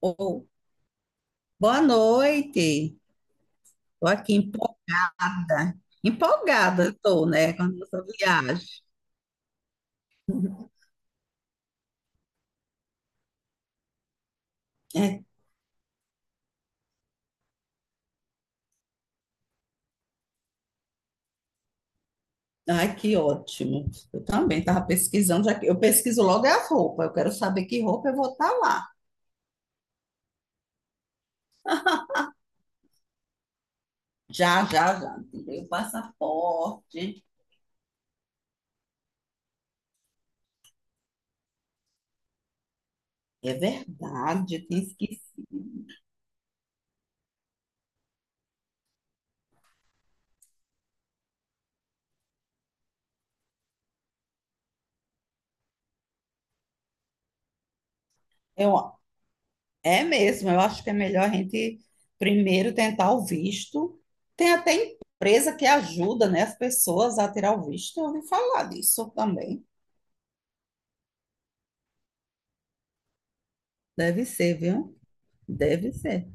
Ô, boa noite. Tô aqui empolgada. Empolgada eu tô, né, com a nossa viagem. É, ai, que ótimo. Eu também tava pesquisando, já que eu pesquiso logo é a roupa. Eu quero saber que roupa eu vou estar lá. Já, já, já. Tirei o passaporte. É verdade, eu tinha esquecido. Eu, É mesmo, eu acho que é melhor a gente primeiro tentar o visto. Tem até empresa que ajuda, né, as pessoas a tirar o visto. Eu ouvi falar disso também. Deve ser, viu? Deve ser.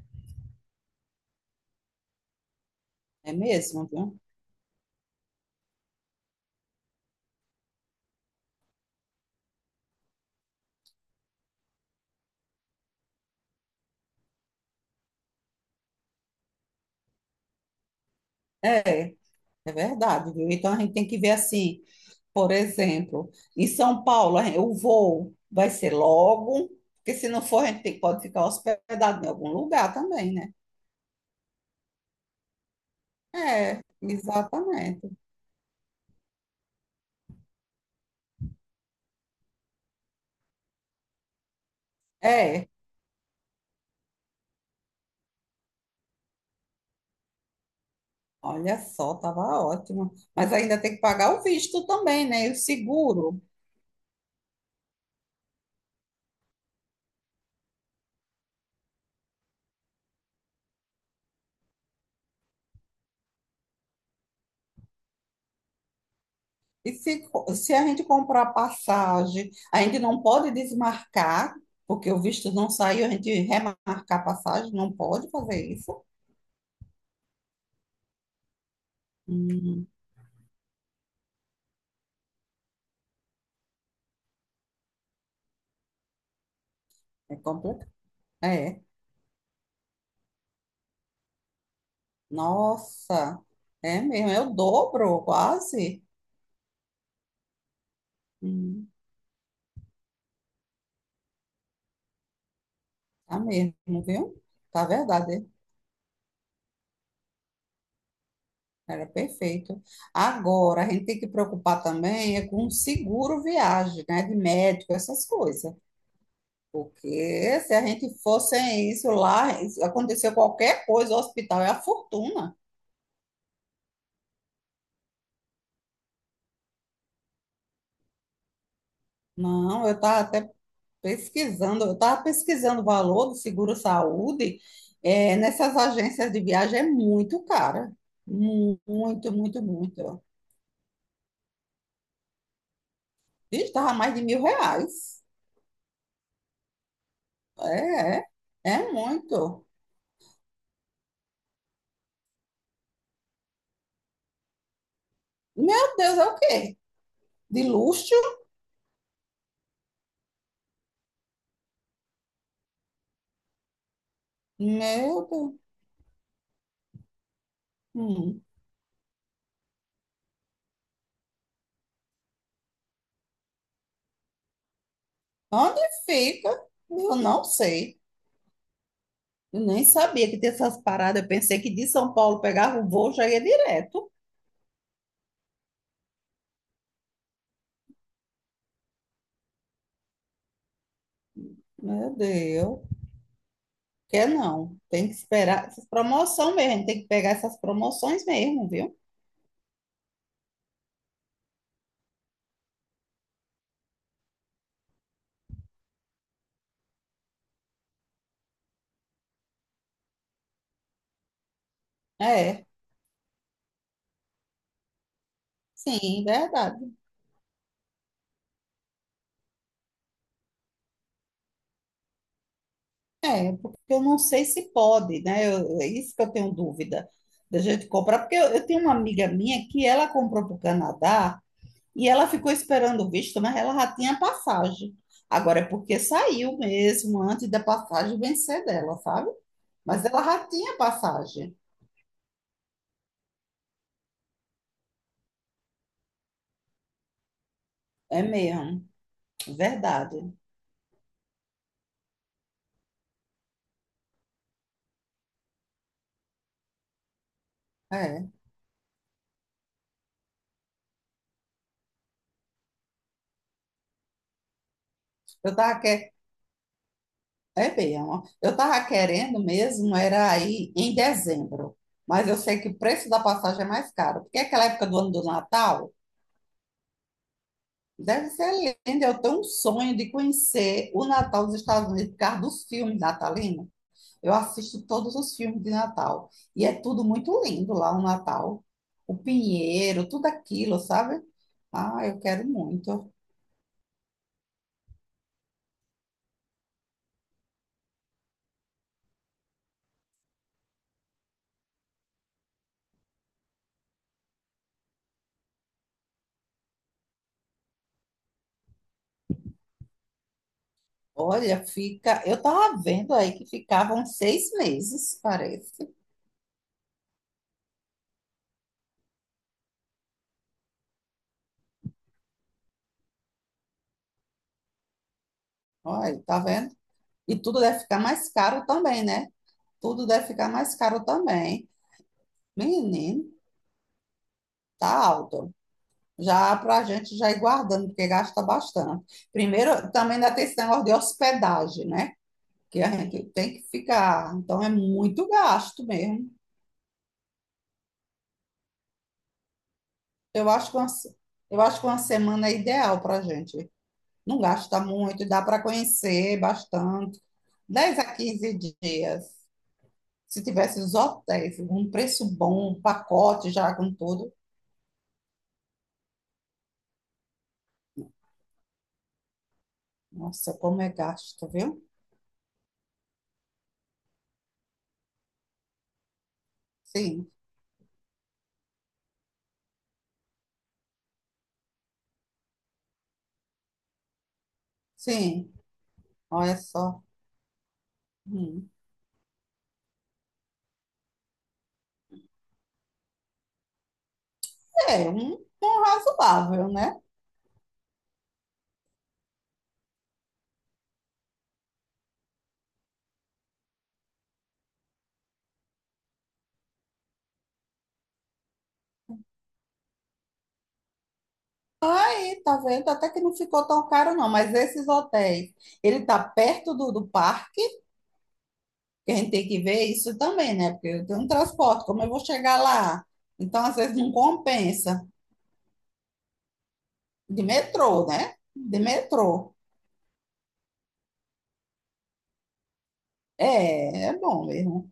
É mesmo, viu? É, é verdade, viu? Então a gente tem que ver assim, por exemplo, em São Paulo, o voo vai ser logo, porque se não for, a gente pode ficar hospedado em algum lugar também, né? É, exatamente. É, olha só, tava ótimo. Mas ainda tem que pagar o visto também, né? E o seguro. E se a gente comprar passagem, a gente não pode desmarcar, porque o visto não saiu, a gente remarcar a passagem, não pode fazer isso. Hum, É complicado. É. Nossa, é mesmo, é o dobro, quase. Hum, tá mesmo, viu? Tá verdade. Era perfeito. Agora, a gente tem que preocupar também é com seguro viagem, né? De médico, essas coisas. Porque se a gente for sem isso lá, aconteceu qualquer coisa, o hospital é a fortuna. Não, eu estava até pesquisando, eu estava pesquisando o valor do seguro-saúde, nessas agências de viagem é muito cara. Muito, muito, muito. Estava mais de R$ 1.000. É, é, é muito. Meu Deus, é o quê? De luxo? Meu Deus. Hum. Onde fica? Eu não sei. Eu nem sabia que tinha essas paradas. Eu pensei que de São Paulo pegava o voo já ia direto. Meu Deus. Quer não? Tem que esperar essas promoção mesmo. A gente tem que pegar essas promoções mesmo, viu? É, sim, verdade. Eu não sei se pode, né? É isso que eu tenho dúvida da gente comprar, porque eu tenho uma amiga minha que ela comprou para o Canadá e ela ficou esperando o visto, mas ela já tinha passagem. Agora é porque saiu mesmo antes da passagem vencer dela, sabe? Mas ela já tinha passagem. É mesmo, verdade. É, eu tava que... é mesmo. Eu tava querendo mesmo era aí em dezembro, mas eu sei que o preço da passagem é mais caro, porque aquela época do ano do Natal deve ser linda. Eu tenho um sonho de conhecer o Natal dos Estados Unidos por causa dos filmes natalinos. Eu assisto todos os filmes de Natal e é tudo muito lindo lá o Natal, o pinheiro, tudo aquilo, sabe? Ah, eu quero muito. Olha, fica. Eu tava vendo aí que ficavam 6 meses, parece. Olha, tá vendo? E tudo deve ficar mais caro também, né? Tudo deve ficar mais caro também. Menino, tá alto. Já pra gente já ir guardando, porque gasta bastante. Primeiro, também ainda tem esse negócio de hospedagem, né? Que a gente tem que ficar. Então é muito gasto mesmo. Eu acho que uma semana é ideal pra gente. Não gasta muito, dá para conhecer bastante. 10 a 15 dias. Se tivesse os hotéis, um preço bom, um pacote já com tudo. Nossa, como é gasto, viu? Sim, sim. Olha só. Hum. É, um razoável, né? Aí, tá vendo? Até que não ficou tão caro, não. Mas esses hotéis, ele tá perto do parque, que a gente tem que ver isso também, né? Porque eu tenho um transporte, como eu vou chegar lá? Então, às vezes, não compensa. De metrô, né? De metrô. É, é bom mesmo.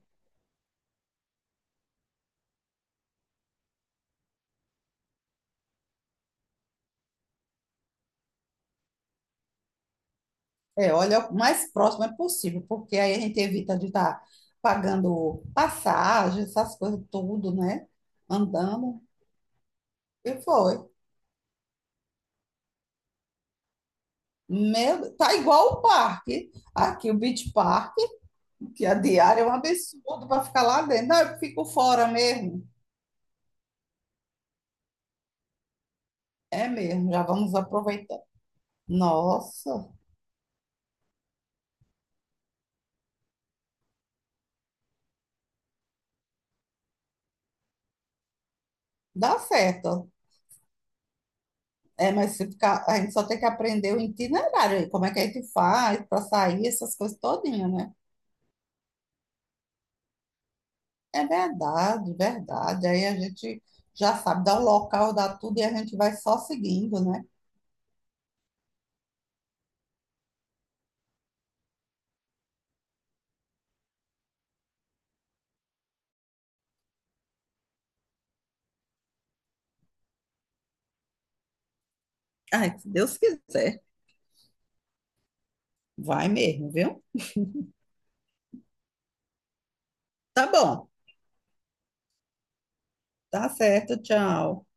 É, olha, o mais próximo é possível, porque aí a gente evita de estar pagando passagem, essas coisas tudo, né? Andando. E foi. Meu, tá igual o parque. Aqui, o Beach Park, que a diária é um absurdo para ficar lá dentro. Não, eu fico fora mesmo. É mesmo, já vamos aproveitar. Nossa, dá certo. É, mas se ficar, a gente só tem que aprender o itinerário aí, como é que a gente faz para sair, essas coisas todinhas, né? É verdade, verdade. Aí a gente já sabe, dá o local, dá tudo e a gente vai só seguindo, né? Ai, se Deus quiser, vai mesmo, viu? Tá bom, tá certo, tchau.